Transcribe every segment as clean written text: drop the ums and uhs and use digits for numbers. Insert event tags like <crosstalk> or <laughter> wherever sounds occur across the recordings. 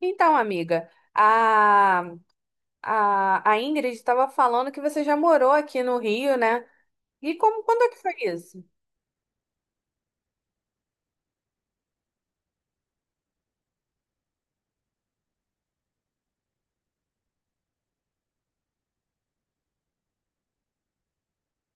Então, amiga, a Ingrid estava falando que você já morou aqui no Rio, né? E como, quando é que foi isso?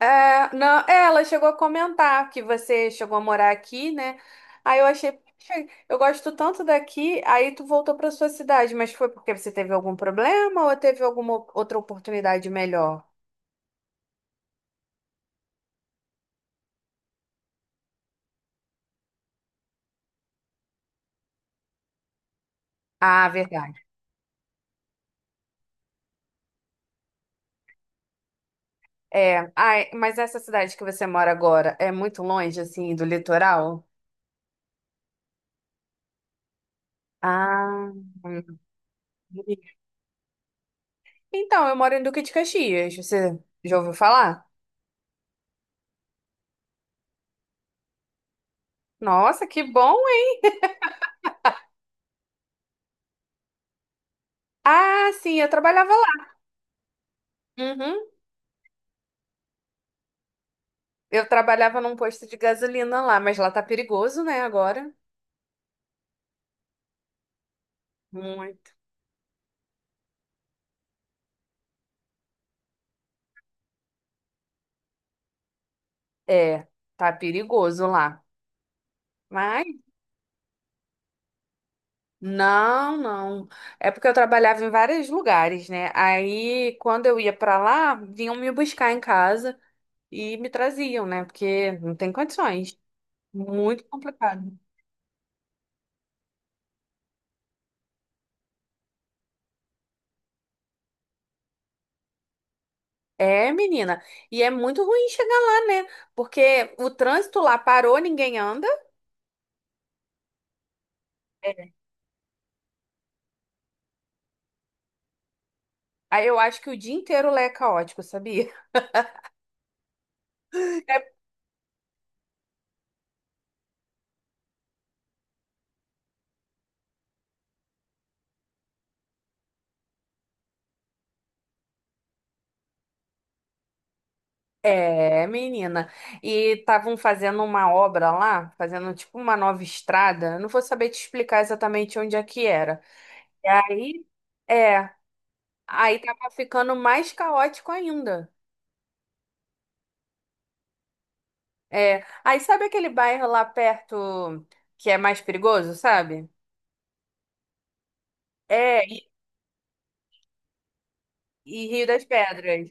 É, não, é, Ela chegou a comentar que você chegou a morar aqui, né? Aí eu achei, "Poxa, eu gosto tanto daqui, aí tu voltou para sua cidade, mas foi porque você teve algum problema ou teve alguma outra oportunidade melhor?" Ah, verdade. É, ai, mas essa cidade que você mora agora é muito longe, assim, do litoral? Ah. Então, eu moro em Duque de Caxias. Você já ouviu falar? Nossa, que bom, hein? Ah, sim, eu trabalhava lá. Uhum. Eu trabalhava num posto de gasolina lá, mas lá tá perigoso, né, agora? Muito. É, tá perigoso lá. Mas não, não. É porque eu trabalhava em vários lugares, né? Aí, quando eu ia pra lá, vinham me buscar em casa e me traziam, né? Porque não tem condições. Muito complicado. É, menina. E é muito ruim chegar lá, né? Porque o trânsito lá parou, ninguém anda. Aí eu acho que o dia inteiro lá é caótico, sabia? <laughs> É, menina. E estavam fazendo uma obra lá, fazendo tipo uma nova estrada. Eu não vou saber te explicar exatamente onde é que era. E aí, é, aí tava ficando mais caótico ainda. É, aí sabe aquele bairro lá perto que é mais perigoso, sabe? É, e Rio das Pedras.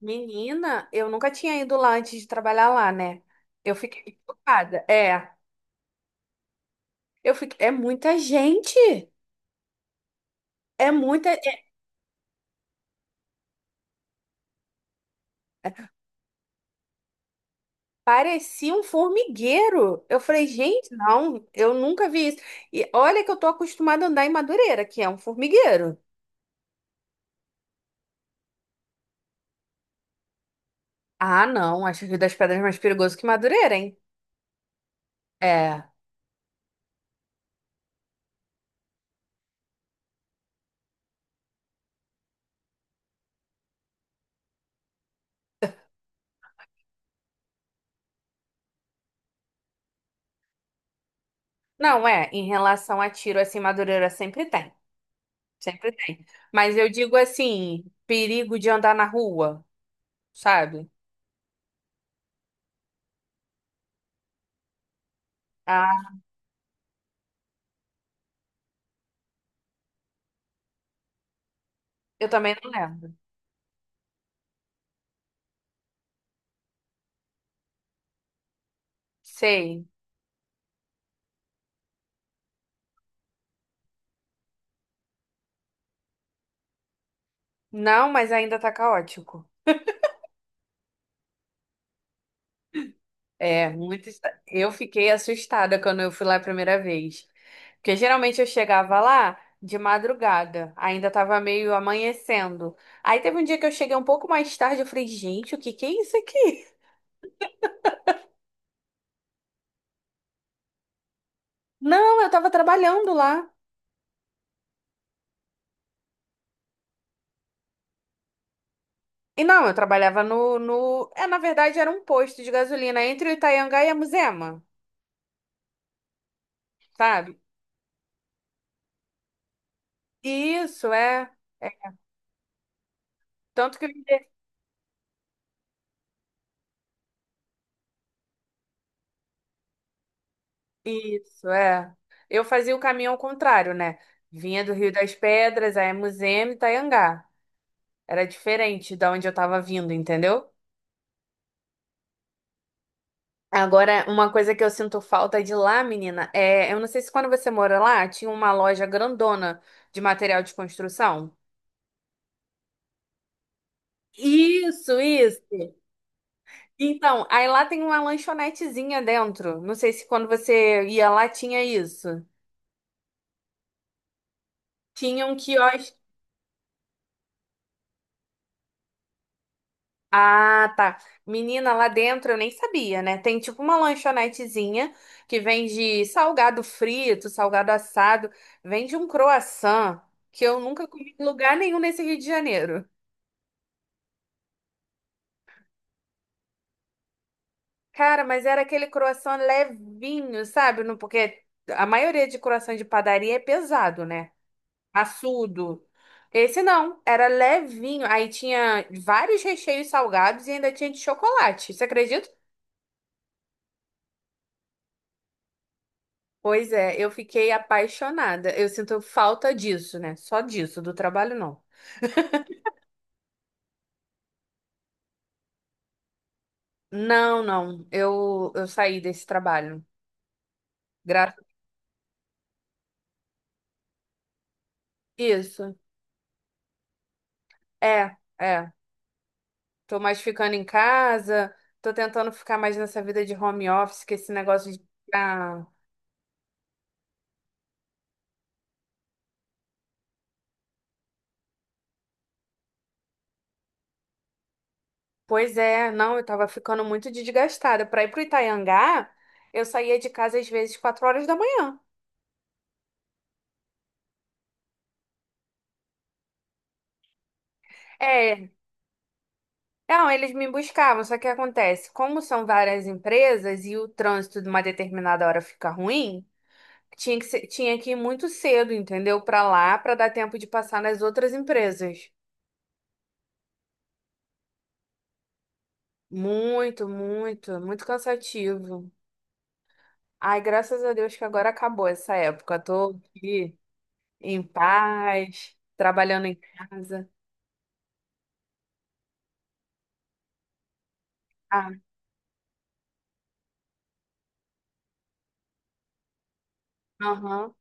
Menina, eu nunca tinha ido lá antes de trabalhar lá, né? Eu fiquei chocada. É, eu fiquei. É muita gente. É muita. Parecia um formigueiro. Eu falei, gente, não, eu nunca vi isso. E olha que eu tô acostumada a andar em Madureira, que é um formigueiro. Ah, não, acho que o Rio das Pedras é mais perigoso que Madureira, hein? É. Não, é, em relação a tiro, assim, Madureira sempre tem. Sempre tem. Mas eu digo assim, perigo de andar na rua, sabe? Ah, eu também não lembro. Sei. Não, mas ainda tá caótico. É, muito. Eu fiquei assustada quando eu fui lá a primeira vez. Porque geralmente eu chegava lá de madrugada, ainda tava meio amanhecendo. Aí teve um dia que eu cheguei um pouco mais tarde, eu falei, gente, o que que é isso aqui? Não, eu tava trabalhando lá. E não, eu trabalhava no, no... É, na verdade, era um posto de gasolina entre o Itaianga e a Muzema, sabe? Isso, é. é Tanto que isso, é. Eu fazia o caminho ao contrário, né? Vinha do Rio das Pedras, a Emuzema e Itaiangá. Era diferente da onde eu tava vindo, entendeu? Agora, uma coisa que eu sinto falta de lá, menina, é, eu não sei se quando você mora lá, tinha uma loja grandona de material de construção. Isso, isso. Então, aí lá tem uma lanchonetezinha dentro. Não sei se quando você ia lá tinha isso. Tinha um quiosque. Ah, tá. Menina, lá dentro eu nem sabia, né? Tem tipo uma lanchonetezinha que vende salgado frito, salgado assado, vende um croissant que eu nunca comi em lugar nenhum nesse Rio de Janeiro. Cara, mas era aquele croissant levinho, sabe? Porque a maioria de croissant de padaria é pesado, né? Assudo. Esse não, era levinho. Aí tinha vários recheios salgados e ainda tinha de chocolate. Você acredita? Pois é, eu fiquei apaixonada. Eu sinto falta disso, né? Só disso, do trabalho não. Não, não. Eu saí desse trabalho. Graças a isso. É, é. Tô mais ficando em casa, tô tentando ficar mais nessa vida de home office, que esse negócio de ficar. Pois é, não, eu tava ficando muito desgastada. Pra ir pro Itaiangá, eu saía de casa às vezes quatro horas da manhã. É, não, eles me buscavam, só que acontece, como são várias empresas e o trânsito de uma determinada hora fica ruim, tinha que ir muito cedo, entendeu? Pra lá, pra dar tempo de passar nas outras empresas. Muito, muito, muito cansativo. Ai, graças a Deus que agora acabou essa época. Tô aqui em paz, trabalhando em casa. Ah, aham.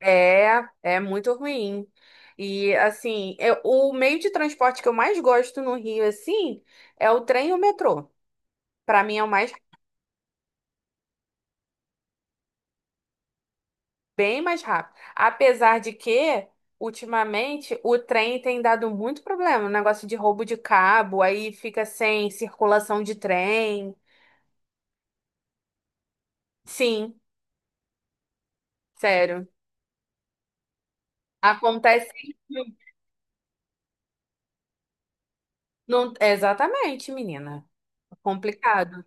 É, é muito ruim. E assim, o meio de transporte que eu mais gosto no Rio, assim, é o trem e o metrô. Para mim é o mais bem mais rápido. Apesar de que, ultimamente, o trem tem dado muito problema, negócio de roubo de cabo, aí fica sem circulação de trem. Sim, sério. Acontece. Não, exatamente, menina. Complicado.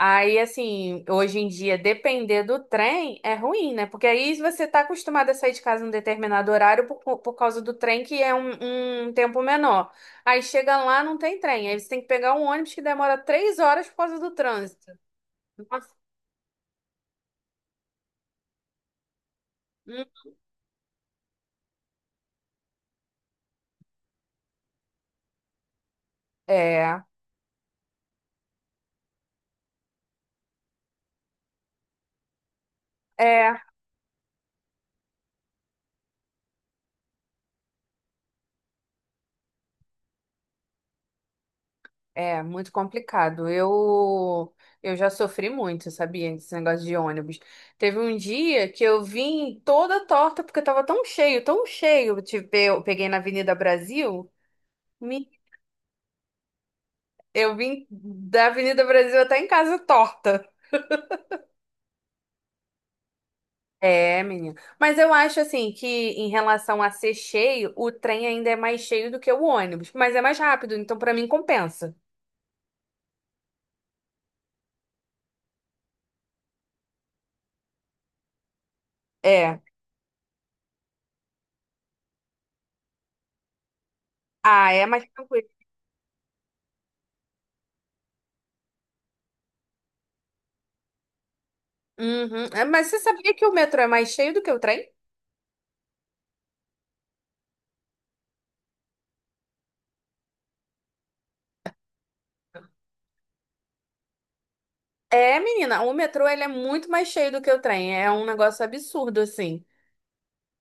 Aí, assim, hoje em dia, depender do trem é ruim, né? Porque aí você tá acostumado a sair de casa num determinado horário por causa do trem, que é um tempo menor. Aí chega lá, não tem trem. Aí você tem que pegar um ônibus que demora três horas por causa do trânsito. Nossa. Hum. É, é, é muito complicado. Eu já sofri muito, sabia? Esse negócio de ônibus. Teve um dia que eu vim toda torta, porque tava tão cheio, tão cheio. Tipo, eu peguei na Avenida Brasil. Me- Eu vim da Avenida Brasil até em casa torta. É, menina. Mas eu acho assim que em relação a ser cheio, o trem ainda é mais cheio do que o ônibus, mas é mais rápido, então pra mim compensa. É. Ah, é mais tranquilo. Uhum. É, mas você sabia que o metrô é mais cheio do que o trem? É, menina, o metrô ele é muito mais cheio do que o trem. É um negócio absurdo assim.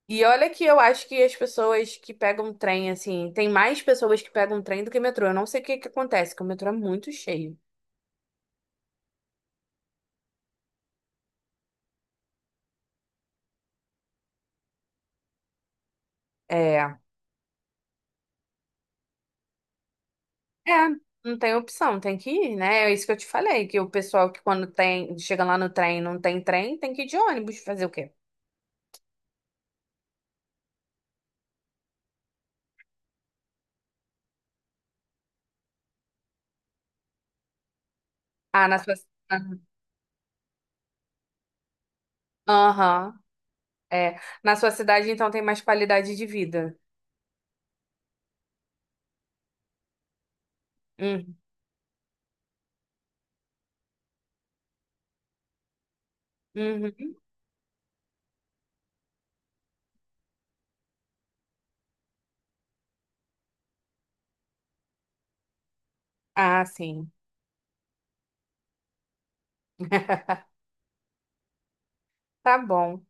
E olha que eu acho que as pessoas que pegam trem assim, tem mais pessoas que pegam trem do que metrô. Eu não sei o que que acontece, que o metrô é muito cheio. É, é, não tem opção, tem que ir, né? É isso que eu te falei, que o pessoal que quando tem, chega lá no trem, e não tem trem, tem que ir de ônibus fazer o quê? Ah, na sua, aham, é, na sua cidade então tem mais qualidade de vida. Hum, uhum. Ah, sim. <laughs> Tá bom.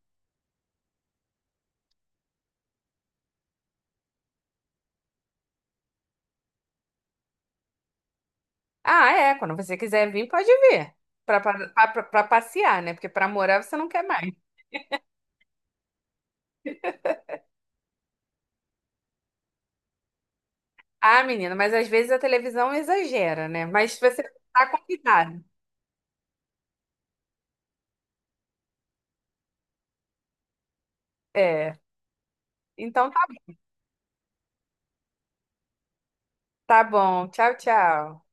Ah, é, quando você quiser vir, pode vir. Pra passear, né? Porque pra morar você não quer mais. Ah, menina, mas às vezes a televisão exagera, né? Mas você tá convidado. É. Então, tá bom. Tchau, tchau.